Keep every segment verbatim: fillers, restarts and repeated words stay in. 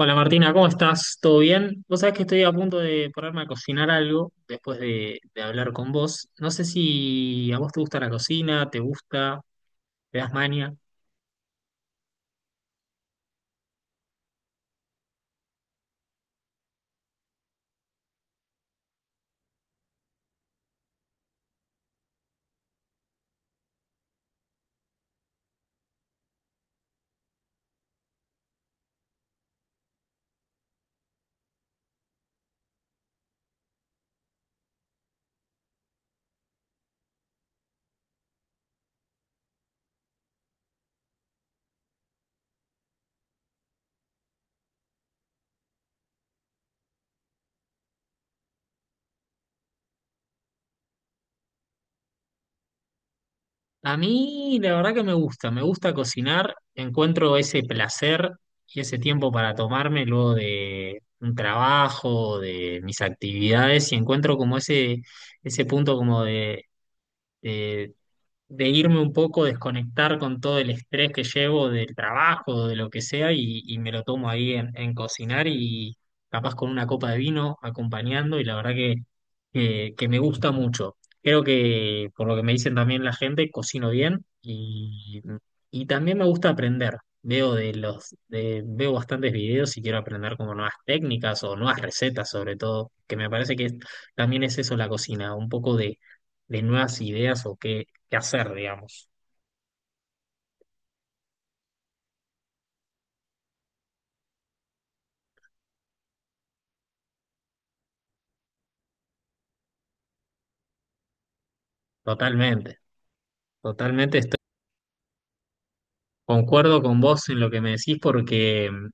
Hola Martina, ¿cómo estás? ¿Todo bien? Vos sabés que estoy a punto de ponerme a cocinar algo después de, de hablar con vos. No sé si a vos te gusta la cocina, te gusta, te das maña. A mí la verdad que me gusta, me gusta cocinar, encuentro ese placer y ese tiempo para tomarme luego de un trabajo, de mis actividades y encuentro como ese, ese punto como de, de irme un poco, desconectar con todo el estrés que llevo del trabajo, de lo que sea, y, y me lo tomo ahí en, en cocinar y capaz con una copa de vino acompañando, y la verdad que, que, que me gusta mucho. Creo que, por lo que me dicen también la gente, cocino bien y, y también me gusta aprender. Veo de los, de- veo bastantes videos y quiero aprender como nuevas técnicas o nuevas recetas sobre todo, que me parece que es- también es eso la cocina, un poco de, de nuevas ideas o qué, qué hacer, digamos. Totalmente, totalmente estoy, concuerdo con vos en lo que me decís porque mm,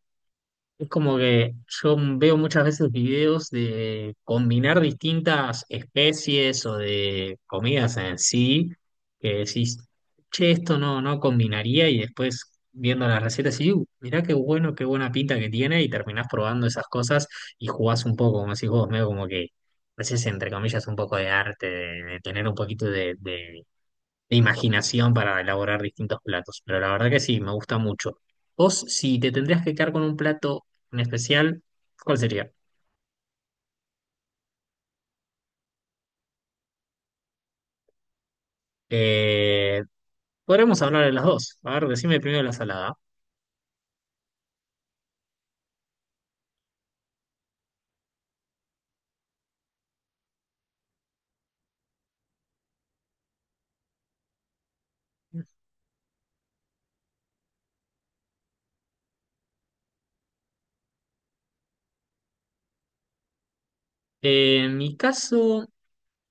es como que yo veo muchas veces videos de combinar distintas especies o de comidas en sí, que decís, che, esto no, no combinaría y después viendo las recetas y "Uh, mirá qué bueno, qué buena pinta que tiene y terminás probando esas cosas y jugás un poco, como decís vos, medio como que haces entre comillas un poco de arte, de, de tener un poquito de, de de imaginación para elaborar distintos platos, pero la verdad que sí, me gusta mucho. Vos, si te tendrías que quedar con un plato en especial, ¿cuál sería? Eh, podremos hablar de las dos. A ver, decime primero la salada. Eh, en mi caso,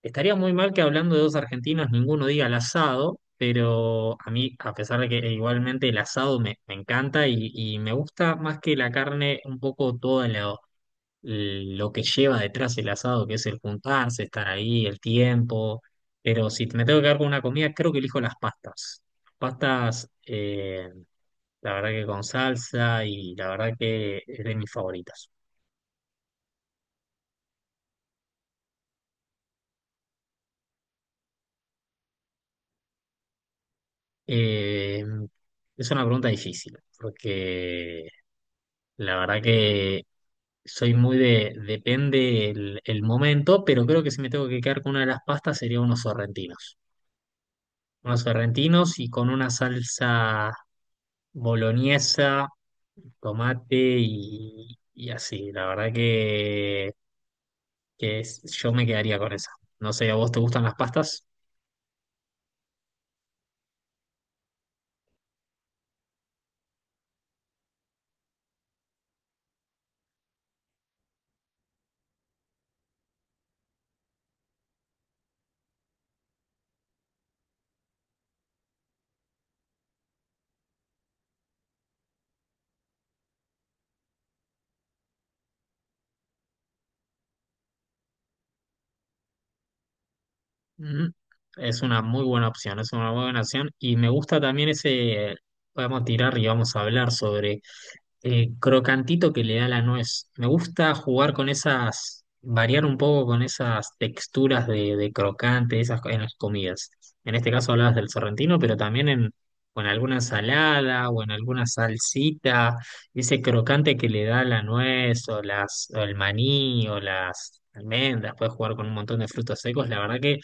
estaría muy mal que hablando de dos argentinos ninguno diga el asado, pero a mí, a pesar de que eh, igualmente el asado me, me encanta y, y me gusta más que la carne un poco todo el la, lo que lleva detrás el asado, que es el juntarse, estar ahí, el tiempo. Pero si me tengo que quedar con una comida, creo que elijo las pastas. Pastas, eh, la verdad que con salsa y la verdad que es de mis favoritas. Eh, es una pregunta difícil, porque la verdad que soy muy de, depende el, el momento, pero creo que si me tengo que quedar con una de las pastas sería unos sorrentinos. Unos sorrentinos y con una salsa boloñesa tomate y, y así. La verdad que, que es- yo me quedaría con esa. No sé, ¿a vos te gustan las pastas? Mm, es una muy buena opción, es una muy buena opción. Y me gusta también ese, podemos tirar y vamos a hablar sobre el crocantito que le da la nuez. Me gusta jugar con esas, variar un poco con esas texturas de, de crocante, esas co- en las comidas. En este caso hablabas del sorrentino, pero también en, o en alguna ensalada o en alguna salsita, ese crocante que le da la nuez o las, o el maní o las almendras, puedes jugar con un montón de frutos secos, la verdad que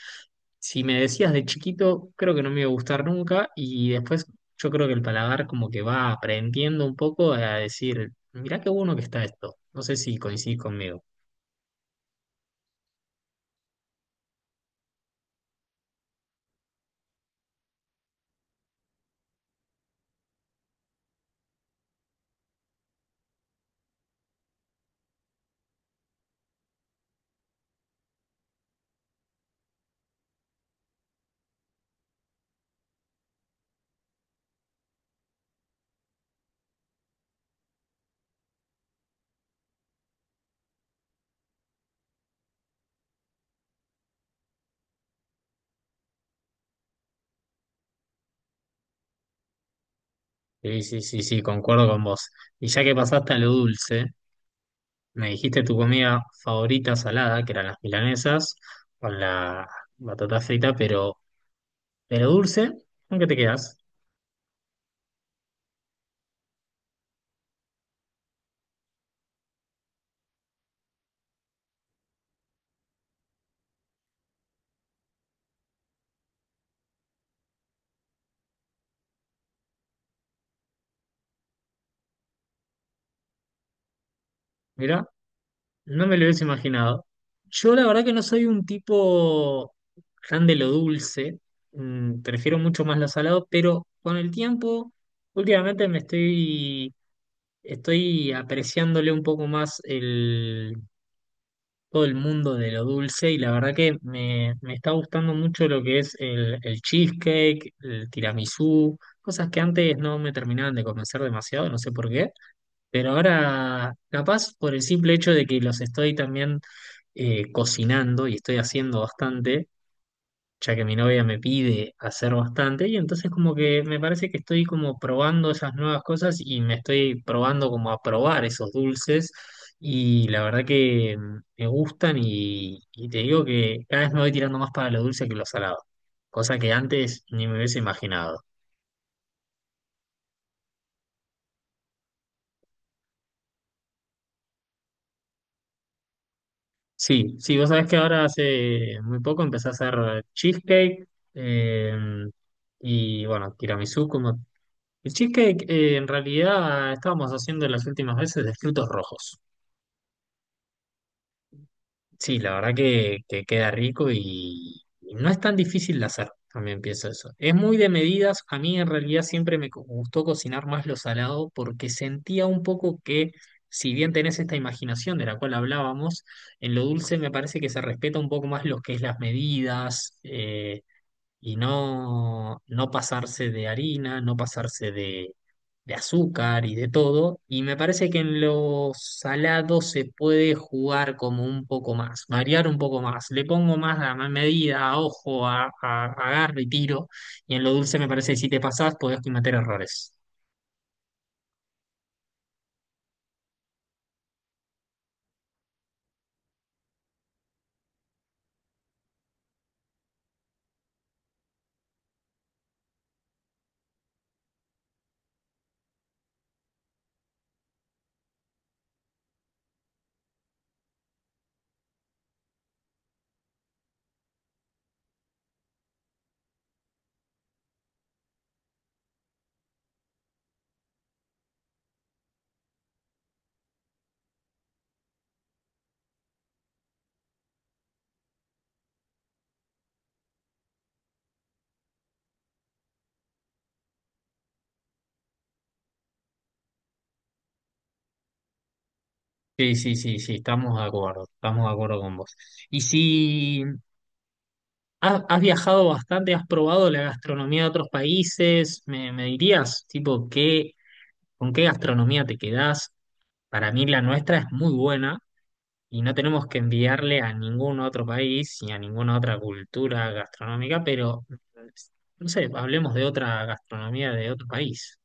si me decías de chiquito, creo que no me iba a gustar nunca y después yo creo que el paladar como que va aprendiendo un poco a decir, mirá qué bueno que está esto. No sé si coincidís conmigo. Sí, sí, sí, sí, concuerdo con vos. Y ya que pasaste a lo dulce, me dijiste tu comida favorita salada, que eran las milanesas, con la batata frita, pero de lo dulce, ¿con qué te quedas? Mirá, no me lo hubiese imaginado. Yo la verdad que no soy un tipo tan de lo dulce, mm, prefiero mucho más lo salado, pero con el tiempo, últimamente me estoy, estoy apreciándole un poco más el, todo el mundo de lo dulce y la verdad que me, me está gustando mucho lo que es el, el cheesecake, el tiramisú, cosas que antes no me terminaban de convencer demasiado, no sé por qué. Pero ahora, capaz por el simple hecho de que los estoy también eh, cocinando y estoy haciendo bastante, ya que mi novia me pide hacer bastante, y entonces como que me parece que estoy como probando esas nuevas cosas y me estoy probando como a probar esos dulces. Y la verdad que mm, me gustan y, y te digo que cada vez me voy tirando más para lo dulce que lo salado, cosa que antes ni me hubiese imaginado. Sí, sí, vos sabés que ahora hace muy poco empecé a hacer cheesecake eh, y bueno, tiramisú como... El cheesecake eh, en realidad estábamos haciendo las últimas veces de frutos rojos. Sí, la verdad que, que queda rico y, y no es tan difícil de hacer, también pienso eso. Es muy de medidas, a mí en realidad siempre me co- gustó cocinar más lo salado porque sentía un poco que si bien tenés esta imaginación de la cual hablábamos, en lo dulce me parece que se respeta un poco más lo que es las medidas, eh, y no, no pasarse de harina, no pasarse de, de azúcar y de todo. Y me parece que en lo salado se puede jugar como un poco más, variar un poco más. Le pongo más a ma- medida, a ojo, a, a- agarro y tiro. Y en lo dulce me parece que si te pasás podés cometer errores. Sí, sí, sí, sí, estamos de acuerdo, estamos de acuerdo con vos. Y si has, has viajado bastante, has probado la gastronomía de otros países, ¿me, me dirías, tipo, qué ¿con qué gastronomía te quedás? Para mí la nuestra es muy buena y no tenemos que enviarle a ningún otro país ni a ninguna otra cultura gastronómica, pero mm, no sé, hablemos de otra gastronomía de otro país.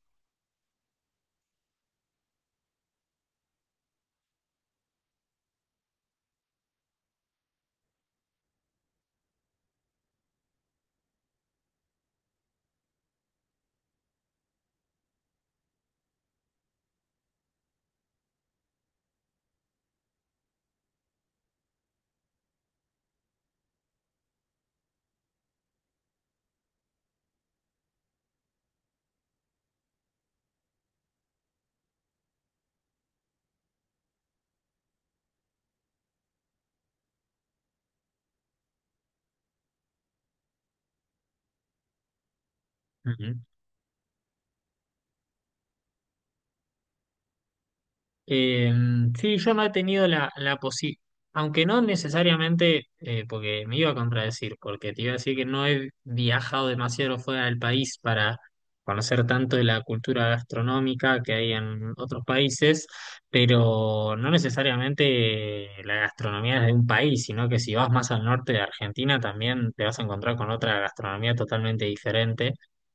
Eh, sí, yo no he tenido la, la posibilidad, aunque no necesariamente, eh, porque me iba a contradecir, porque te iba a decir que no he viajado demasiado fuera del país para conocer tanto de la cultura gastronómica que hay en otros países, pero no necesariamente la gastronomía es de un país, sino que si vas más al norte de Argentina también te vas a encontrar con otra gastronomía totalmente diferente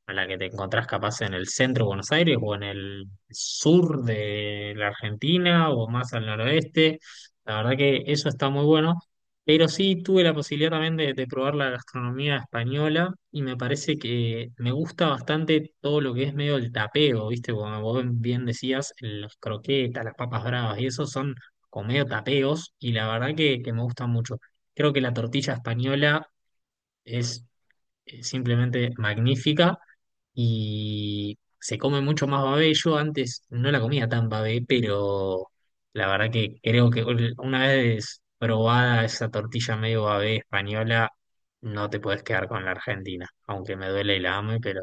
a la que te encontrás capaz en el centro de Buenos Aires o en el sur de la Argentina o más al noroeste. La verdad que eso está muy bueno. Pero sí tuve la posibilidad también de, de probar la gastronomía española y me parece que me gusta bastante todo lo que es medio el tapeo, ¿viste? Como vos bien decías, las croquetas, las papas bravas y eso son como medio tapeos y la verdad que, que me gusta mucho. Creo que la tortilla española es eh, simplemente magnífica y se come mucho más babé. Yo antes no la comía tan babé, pero la verdad que creo que ul- una vez probada esa tortilla medio babé española, no te puedes quedar con la Argentina, aunque me duele y la ame, pero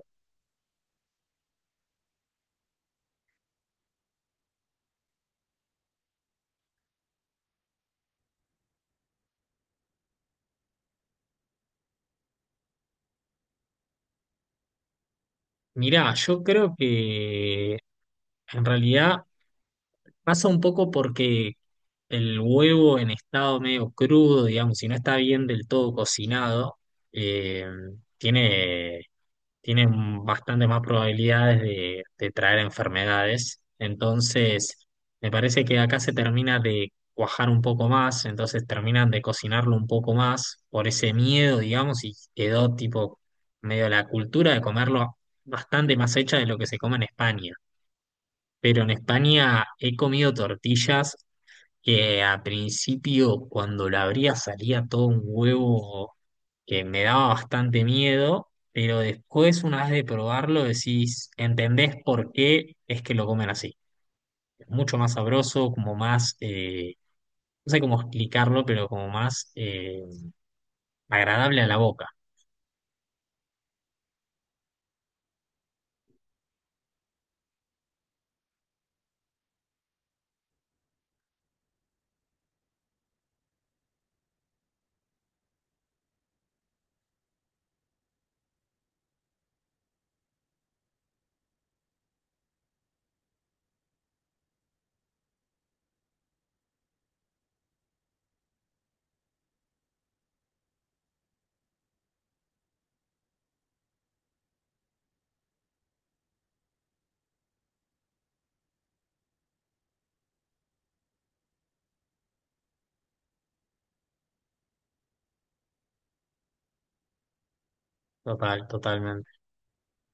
mirá, yo creo que en realidad pasa un poco porque el huevo en estado medio crudo, digamos, si no está bien del todo cocinado, eh, tiene tienen bastante más probabilidades de, de traer enfermedades. Entonces, me parece que acá se termina de cuajar un poco más, entonces terminan de cocinarlo un poco más por ese miedo, digamos, y quedó tipo medio la cultura de comerlo bastante más hecha de lo que se come en España. Pero en España he comido tortillas que a principio cuando la abría salía todo un huevo que me daba bastante miedo, pero después una vez de probarlo decís, entendés por qué es que lo comen así. Mucho más sabroso, como más, eh, no sé cómo explicarlo, pero como más eh, agradable a la boca. Total, totalmente.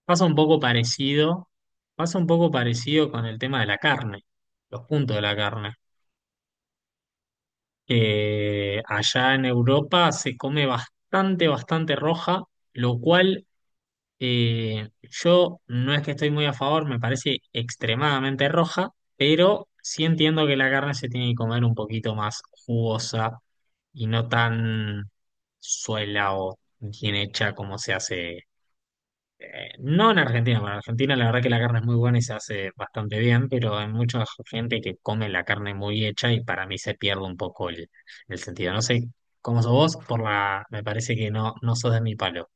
Pasa un poco parecido, pasa un poco parecido con el tema de la carne, los puntos de la carne. Eh, allá en Europa se come bastante, bastante roja, lo cual eh, yo no es que estoy muy a favor, me parece extremadamente roja, pero sí entiendo que la carne se tiene que comer un poquito más jugosa y no tan suela o bien hecha como se hace no en Argentina, bueno, en Argentina la verdad que la carne es muy buena y se hace bastante bien, pero hay mucha gente que come la carne muy hecha y para mí se pierde un poco el, el sentido. No sé cómo sos vos, por la, me parece que no, no sos de mi palo.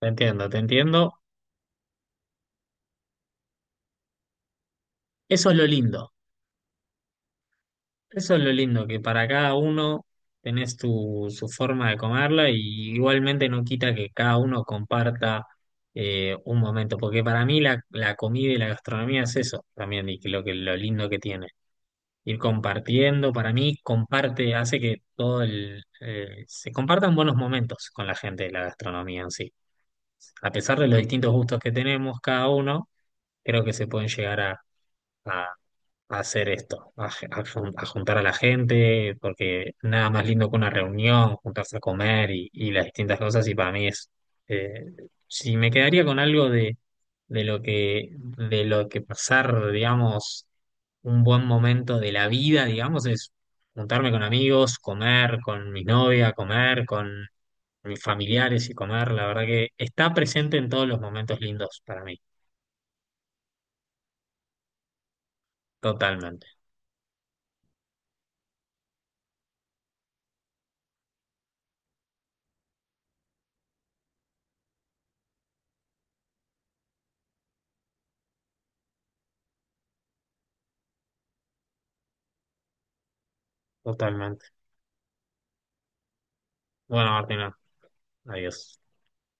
Te entiendo, te entiendo. Eso es lo lindo, eso es lo lindo, que para cada uno tenés tu, su forma de comerla y igualmente no quita que cada uno comparta eh, un momento, porque para mí la, la comida y la gastronomía es eso también, y que lo que, lo lindo que tiene. Ir compartiendo. Para mí, comparte, hace que todo el, eh, se compartan buenos momentos con la gente de la gastronomía en sí. A pesar de los distintos gustos que tenemos cada uno, creo que se pueden llegar a, a a hacer esto, a, ge- a jun- a juntar a la gente, porque nada más lindo que una reunión, juntarse a comer y, y las distintas cosas, y para mí es, eh, si me quedaría con algo de, de lo que, de lo que pasar, digamos, un buen momento de la vida, digamos, es juntarme con amigos, comer con mi novia, comer con mis familiares y comer, la verdad que está presente en todos los momentos lindos para mí, totalmente, totalmente. Bueno, Martina, adiós.